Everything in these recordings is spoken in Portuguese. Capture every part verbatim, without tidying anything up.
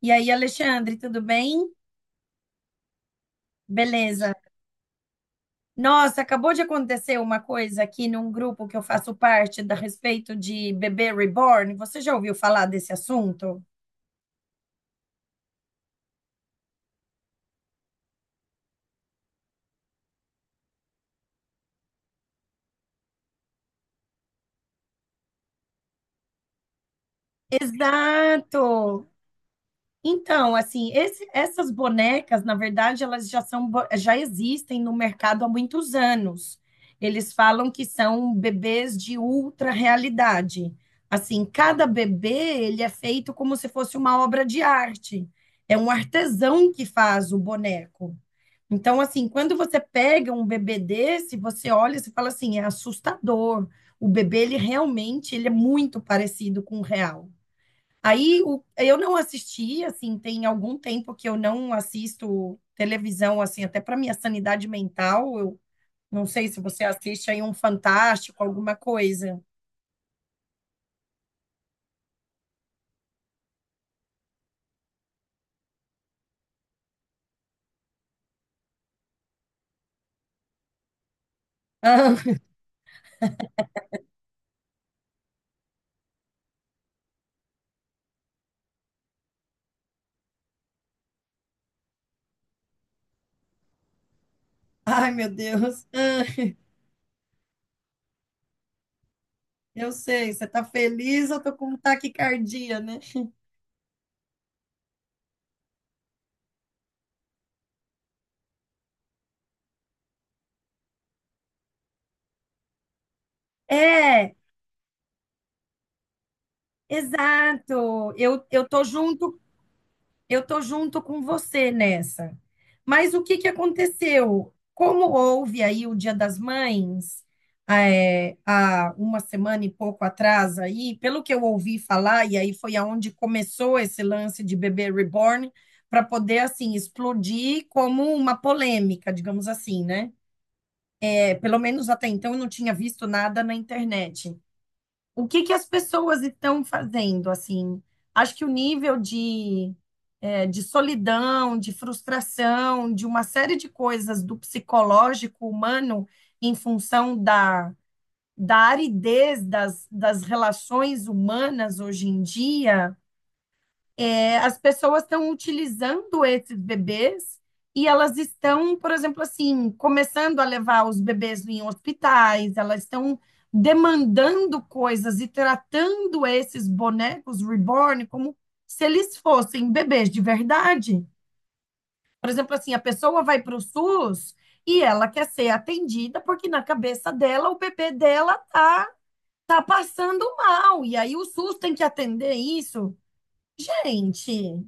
E aí, Alexandre, tudo bem? Beleza. Nossa, acabou de acontecer uma coisa aqui num grupo que eu faço parte da respeito de bebê reborn. Você já ouviu falar desse assunto? Exato! Então, assim, esse- essas bonecas, na verdade, elas já são, bo- já existem no mercado há muitos anos. Eles falam que são bebês de ultra realidade. Assim, cada bebê, ele é feito como se fosse uma obra de arte. É um artesão que faz o boneco. Então, assim, quando você pega um bebê desse, você olha e você fala assim, é assustador. O bebê, ele realmente, ele é muito parecido com o real. Aí o- eu não assisti, assim, tem algum tempo que eu não assisto televisão, assim, até para minha sanidade mental. Eu não sei se você assiste aí um Fantástico, alguma coisa. Ah, ai, meu Deus. Ah, eu sei, você tá feliz, eu tô com um taquicardia, né? É, exato. Eu, eu tô junto eu tô junto com você nessa. Mas o que que aconteceu? Como houve aí o Dia das Mães, é, há uma semana e pouco atrás aí, pelo que eu ouvi falar, e aí foi aonde começou esse lance de bebê reborn, para poder, assim, explodir como uma polêmica, digamos assim, né? É, pelo menos até então eu não tinha visto nada na internet o que que as pessoas estão fazendo, assim. Acho que o nível de, eh, de solidão, de frustração, de uma série de coisas do psicológico humano em função da, da aridez das, das relações humanas hoje em dia é, as pessoas estão utilizando esses bebês e elas estão, por exemplo, assim, começando a levar os bebês em hospitais, elas estão demandando coisas e tratando esses bonecos reborn como se eles fossem bebês de verdade. Por exemplo, assim, a pessoa vai para o S U S e ela quer ser atendida porque na cabeça dela o bebê dela tá tá passando mal e aí o S U S tem que atender isso. Gente,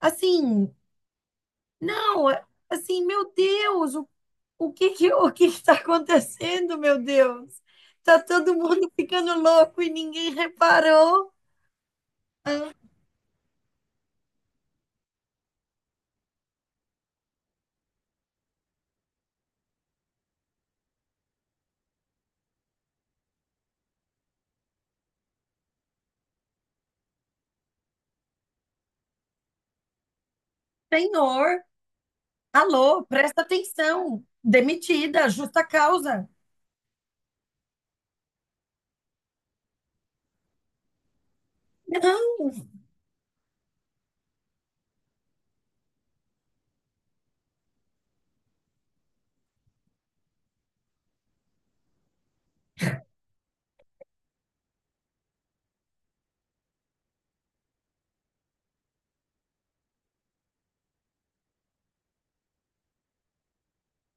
assim, Não, é- assim, meu Deus, o, o que que, o que está acontecendo, meu Deus? Tá todo mundo ficando louco e ninguém reparou. Senhor, alô, presta atenção. Demitida, justa causa. Não,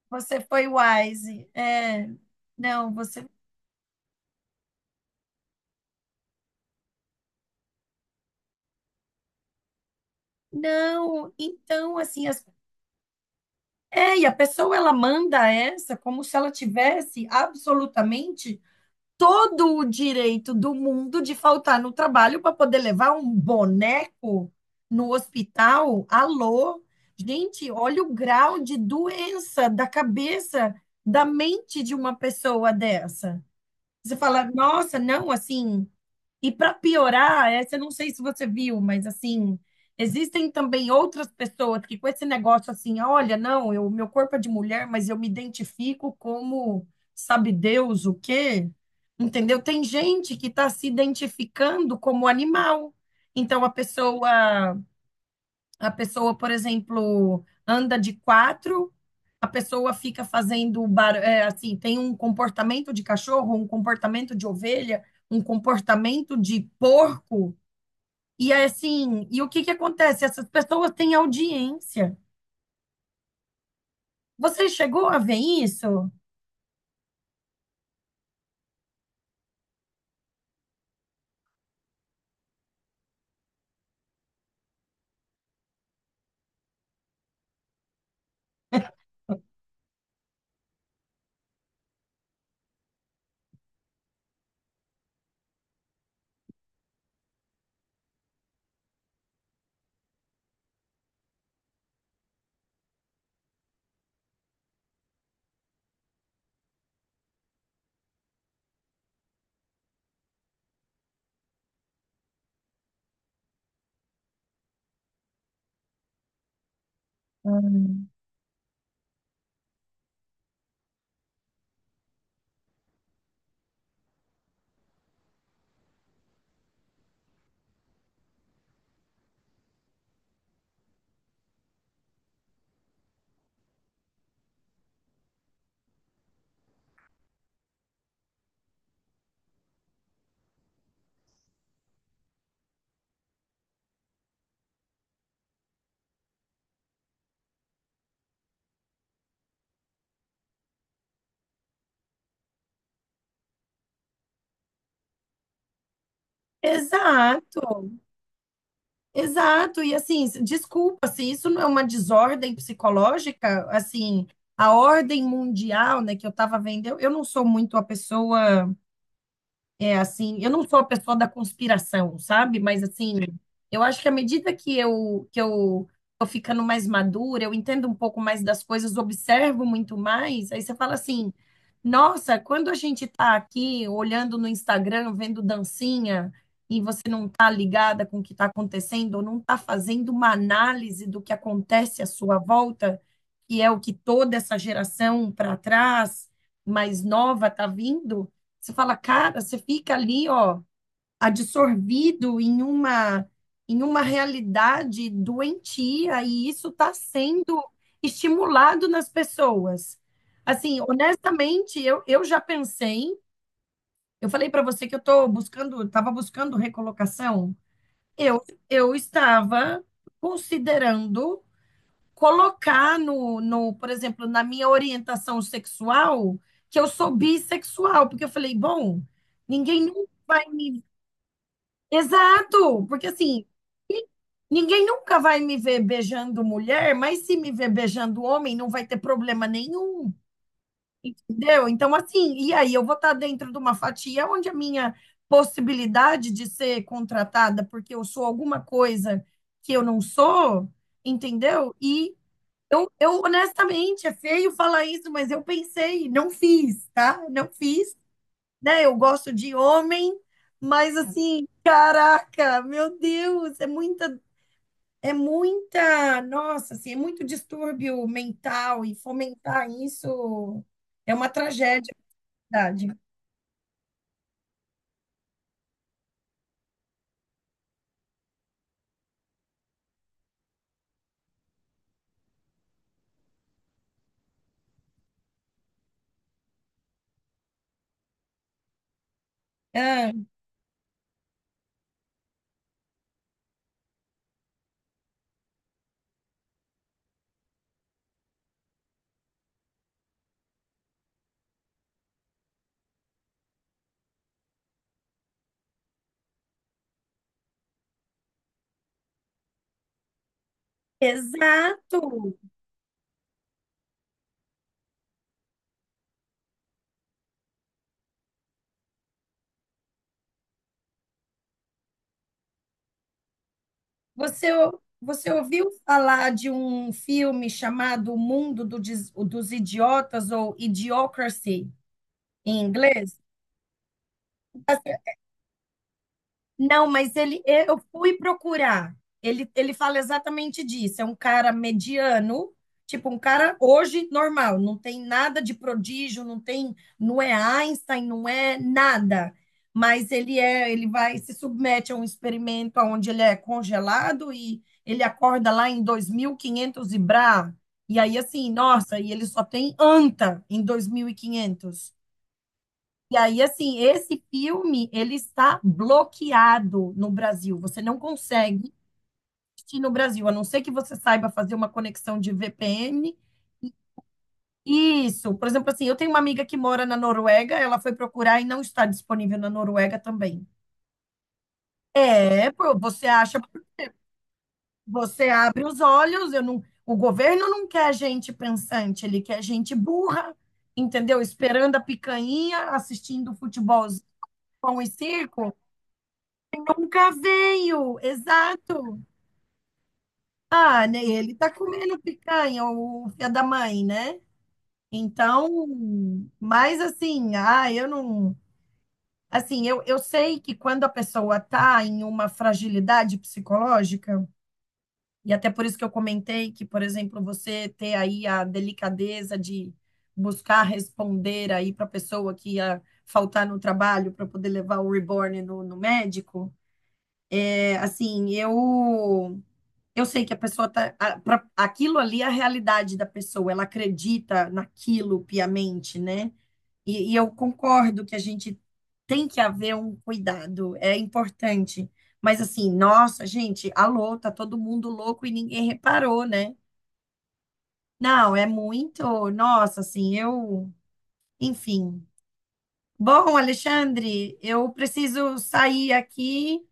você foi wise. É, não, você. Não, então, assim, as- é, e a pessoa ela manda essa como se ela tivesse absolutamente todo o direito do mundo de faltar no trabalho para poder levar um boneco no hospital. Alô? Gente, olha o grau de doença da cabeça, da mente de uma pessoa dessa. Você fala, nossa, não, assim, e para piorar, essa eu não sei se você viu, mas assim, existem também outras pessoas que com esse negócio assim, olha, não, eu, meu corpo é de mulher, mas eu me identifico como sabe Deus o quê? Entendeu? Tem gente que está se identificando como animal. Então a pessoa a pessoa, por exemplo, anda de quatro, a pessoa fica fazendo bar... é, assim, tem um comportamento de cachorro, um comportamento de ovelha, um comportamento de porco. E é assim, e o que que acontece? Essas pessoas têm audiência. Você chegou a ver isso? Hum. Exato, exato. E assim, se- desculpa, se isso não é uma desordem psicológica, assim, a ordem mundial, né, que eu estava vendo, eu, eu não sou muito a pessoa. É assim, eu não sou a pessoa da conspiração, sabe? Mas assim, eu acho que à medida que eu que eu tô ficando mais madura, eu entendo um pouco mais das coisas, observo muito mais, aí você fala assim: "Nossa, quando a gente tá aqui olhando no Instagram, vendo dancinha, e você não tá ligada com o que tá acontecendo, ou não tá fazendo uma análise do que acontece à sua volta, que é o que toda essa geração para trás mais nova tá vindo, você fala, cara, você fica ali, ó, absorvido em uma em uma realidade doentia e isso está sendo estimulado nas pessoas. Assim, honestamente, eu, eu já pensei, eu falei para você que eu estou buscando, estava buscando recolocação. Eu, eu estava considerando colocar no, no, por exemplo, na minha orientação sexual, que eu sou bissexual, porque eu falei, bom, ninguém nunca vai me. Exato, porque assim, ni- ninguém nunca vai me ver beijando mulher, mas se me ver beijando homem, não vai ter problema nenhum, entendeu? Então, assim, e aí eu vou estar dentro de uma fatia onde a minha possibilidade de ser contratada porque eu sou alguma coisa que eu não sou, entendeu? E eu, eu, honestamente, é feio falar isso, mas eu pensei, não fiz, tá? Não fiz, né? Eu gosto de homem, mas assim, caraca, meu Deus, é muita, é muita, nossa, assim, é muito distúrbio mental e fomentar isso é uma tragédia, na verdade. Ah, exato. Você, você ouviu falar de um filme chamado O Mundo do Des- dos Idiotas ou Idiocracy em inglês? Tá certo. Não, mas ele, eu fui procurar. Ele, ele fala exatamente disso. É um cara mediano, tipo um cara hoje normal, não tem nada de prodígio, não tem, não é Einstein, não é nada. Mas ele é, ele vai se submete a um experimento onde ele é congelado e ele acorda lá em dois mil e quinhentos e quinhentos e brá. E aí assim, nossa, e ele só tem anta em dois mil e quinhentos. E aí, assim, esse filme, ele está bloqueado no Brasil. Você não consegue assistir no Brasil, a não ser que você saiba fazer uma conexão de V P N. Isso. Por exemplo, assim, eu tenho uma amiga que mora na Noruega, ela foi procurar e não está disponível na Noruega também. É, pô, você acha, você abre os olhos, eu não, o governo não quer gente pensante, ele quer gente burra, entendeu? Esperando a picanha, assistindo futebolzinho, pão e circo. Nunca veio, exato. Ah, né? Ele tá comendo picanha, o filho da mãe, né? Então, mas assim, ah, eu não. Assim, eu, eu sei que quando a pessoa tá em uma fragilidade psicológica, e até por isso que eu comentei que, por exemplo, você ter aí a delicadeza de buscar responder aí para a pessoa que ia faltar no trabalho para poder levar o reborn no no médico. É, assim, eu eu sei que a pessoa tá a- pra- aquilo ali é a realidade da pessoa, ela acredita naquilo piamente, né? E, e eu concordo que a gente tem que haver um cuidado, é importante. Mas assim, nossa, gente, alô, tá todo mundo louco e ninguém reparou, né? Não, é muito, nossa, assim, eu, enfim. Bom, Alexandre, eu preciso sair aqui.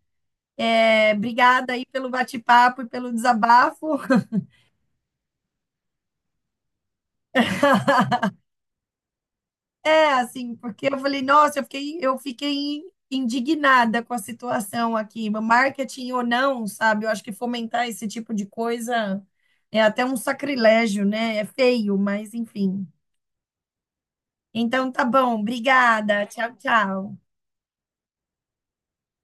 É, obrigada aí pelo bate-papo e pelo desabafo. É, assim, porque eu falei, nossa, eu fiquei, eu fiquei indignada com a situação aqui. Marketing ou não, sabe? Eu acho que fomentar esse tipo de coisa é até um sacrilégio, né? É feio, mas enfim. Então tá bom, obrigada. Tchau, tchau.